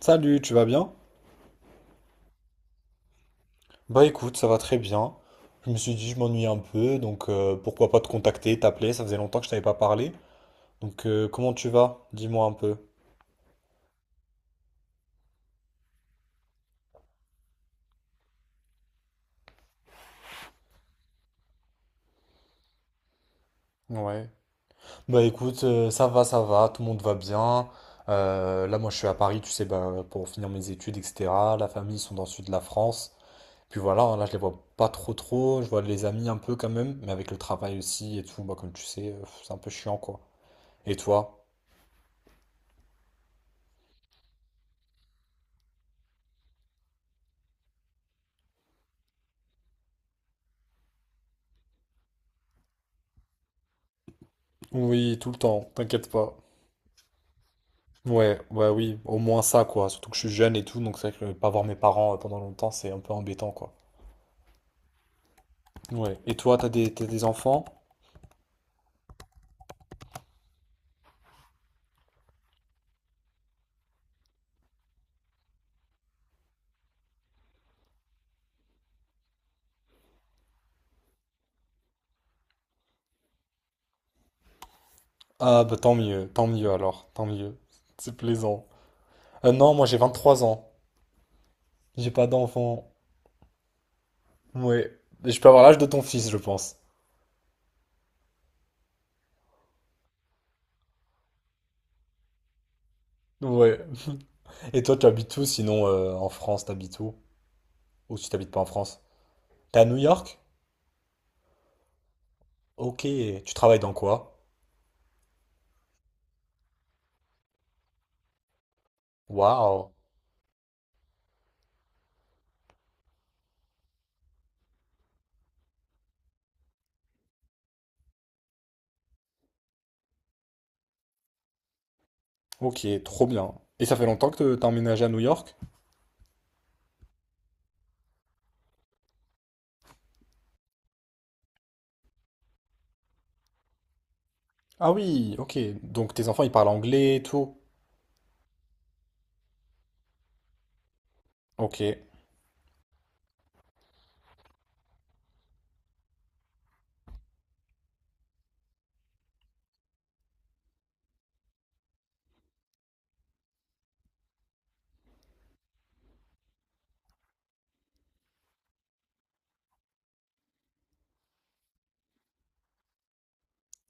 Salut, tu vas bien? Bah écoute, ça va très bien. Je me suis dit, je m'ennuie un peu, donc pourquoi pas te contacter, t'appeler, ça faisait longtemps que je t'avais pas parlé. Donc, comment tu vas? Dis-moi un peu. Ouais. Bah écoute, ça va, tout le monde va bien. Là, moi, je suis à Paris, tu sais, bah, pour finir mes études, etc. La famille, ils sont dans le sud de la France. Puis voilà, hein, là, je les vois pas trop trop. Je vois les amis un peu quand même, mais avec le travail aussi et tout, bah comme tu sais, c'est un peu chiant, quoi. Et toi? Oui, tout le temps, t'inquiète pas. Ouais, ouais, oui, au moins ça, quoi. Surtout que je suis jeune et tout, donc c'est vrai que pas voir mes parents pendant longtemps, c'est un peu embêtant, quoi. Ouais. Et toi, t'as des enfants? Ah, bah tant mieux alors, tant mieux. C'est plaisant. Non, moi j'ai 23 ans. J'ai pas d'enfant. Ouais. Et je peux avoir l'âge de ton fils, je pense. Ouais. Et toi, tu habites où sinon en France, t'habites où? Ou si t'habites pas en France? T'es à New York? Ok. Tu travailles dans quoi? Waouh. Ok, trop bien. Et ça fait longtemps que t'as emménagé à New York? Ah oui, ok. Donc tes enfants, ils parlent anglais et tout. Ok.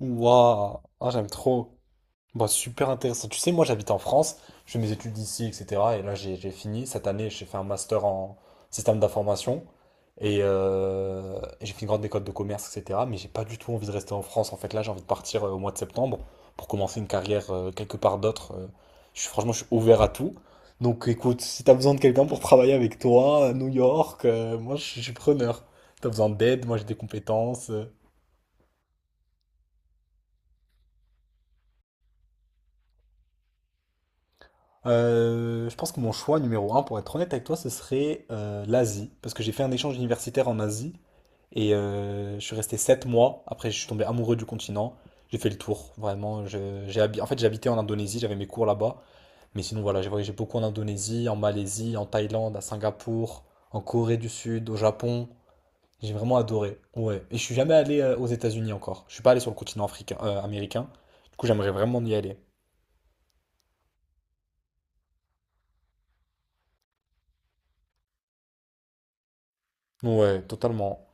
Waouh. Ah, j'aime trop. Bah, super intéressant. Tu sais, moi j'habite en France, je fais mes études ici, etc. Et là j'ai fini. Cette année, j'ai fait un master en système d'information. Et j'ai fait une grande école de commerce, etc. Mais j'ai pas du tout envie de rester en France. En fait, là j'ai envie de partir au mois de septembre pour commencer une carrière quelque part d'autre. Je suis, franchement, je suis ouvert à tout. Donc écoute, si t'as besoin de quelqu'un pour travailler avec toi à New York, moi je suis preneur. Si t'as besoin d'aide, moi j'ai des compétences. Je pense que mon choix numéro un, pour être honnête avec toi, ce serait l'Asie, parce que j'ai fait un échange universitaire en Asie et je suis resté 7 mois. Après, je suis tombé amoureux du continent. J'ai fait le tour, vraiment. En fait, j'habitais en Indonésie, j'avais mes cours là-bas. Mais sinon, voilà, j'ai voyagé beaucoup en Indonésie, en Malaisie, en Thaïlande, à Singapour, en Corée du Sud, au Japon. J'ai vraiment adoré. Ouais. Et je suis jamais allé aux États-Unis encore. Je suis pas allé sur le continent africain, américain. Du coup, j'aimerais vraiment y aller. Ouais, totalement.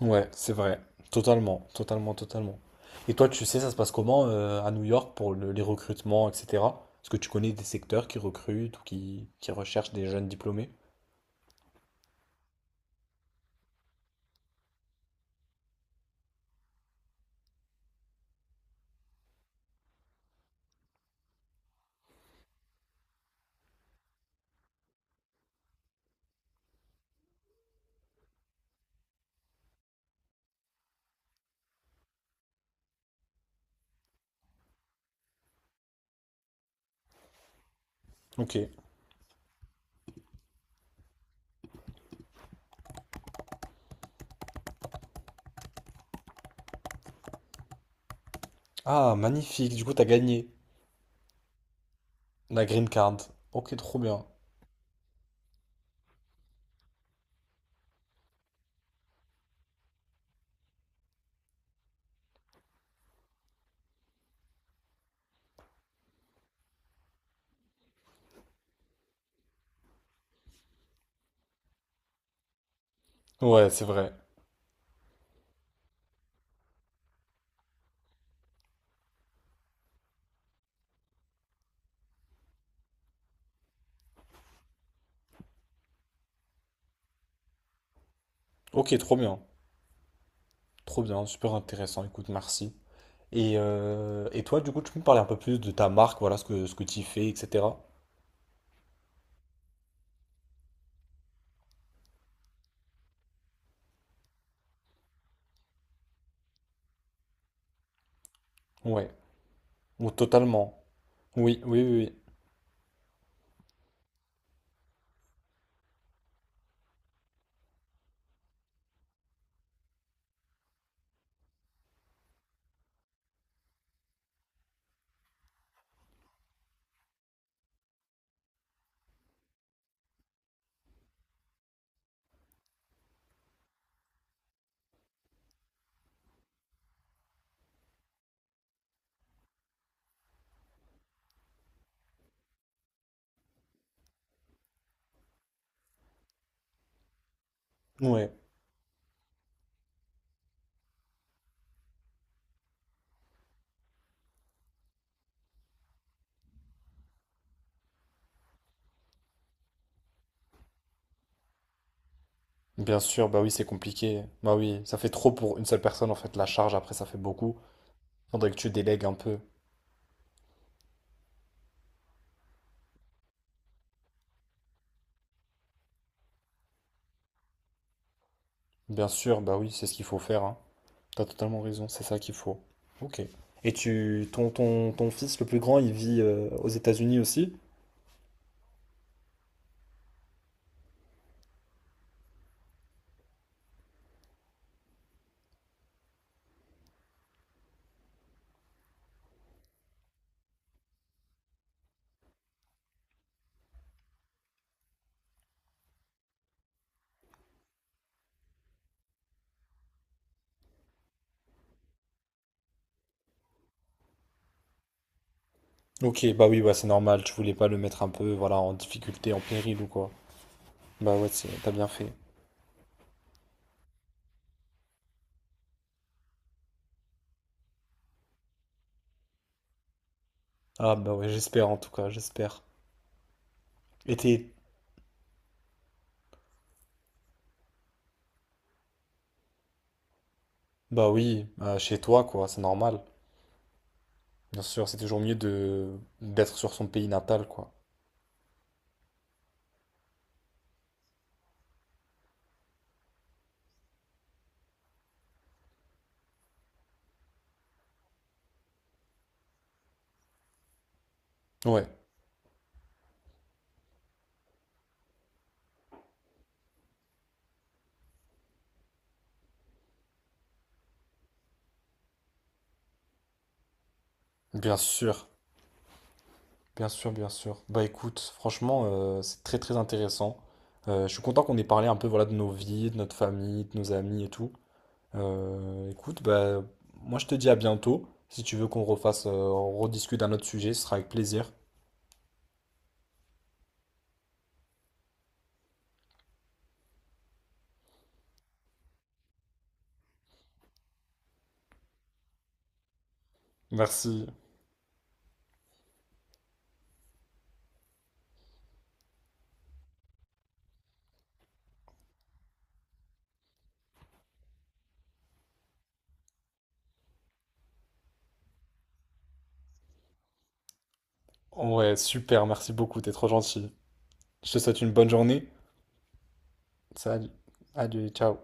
Ouais, c'est vrai. Totalement, totalement, totalement. Et toi, tu sais, ça se passe comment à New York pour les recrutements, etc. Est-ce que tu connais des secteurs qui recrutent ou qui recherchent des jeunes diplômés? Ok. Ah, magnifique. Du coup, t'as gagné la green card. Ok, trop bien. Ouais, c'est vrai. Ok, trop bien. Trop bien, super intéressant. Écoute, merci. Et toi, du coup, tu peux me parler un peu plus de ta marque, voilà, ce que tu fais, etc. Ouais. Ou totalement. Oui, oui, oui, oui. Ouais. Bien sûr, bah oui, c'est compliqué. Bah oui, ça fait trop pour une seule personne, en fait, la charge, après, ça fait beaucoup. Faudrait que tu délègues un peu. Bien sûr, bah oui, c'est ce qu'il faut faire, hein. T'as totalement raison, c'est ça qu'il faut. Ok. Et ton fils le plus grand, il vit aux États-Unis aussi? Ok, bah oui, bah c'est normal, tu voulais pas le mettre un peu, voilà, en difficulté, en péril ou quoi. Bah ouais, t'as bien fait. Ah bah ouais, j'espère en tout cas, j'espère. Et t'es, bah oui, chez toi, quoi, c'est normal. Bien sûr, c'est toujours mieux de d'être sur son pays natal, quoi. Ouais, bien sûr, bien sûr, bien sûr. Bah écoute, franchement, c'est très très intéressant. Je suis content qu'on ait parlé un peu voilà, de nos vies, de notre famille, de nos amis et tout. Écoute, bah moi je te dis à bientôt. Si tu veux qu'on refasse, on rediscute d'un autre sujet, ce sera avec plaisir. Merci. Ouais, super, merci beaucoup, t'es trop gentil. Je te souhaite une bonne journée. Salut. Adieu, ciao.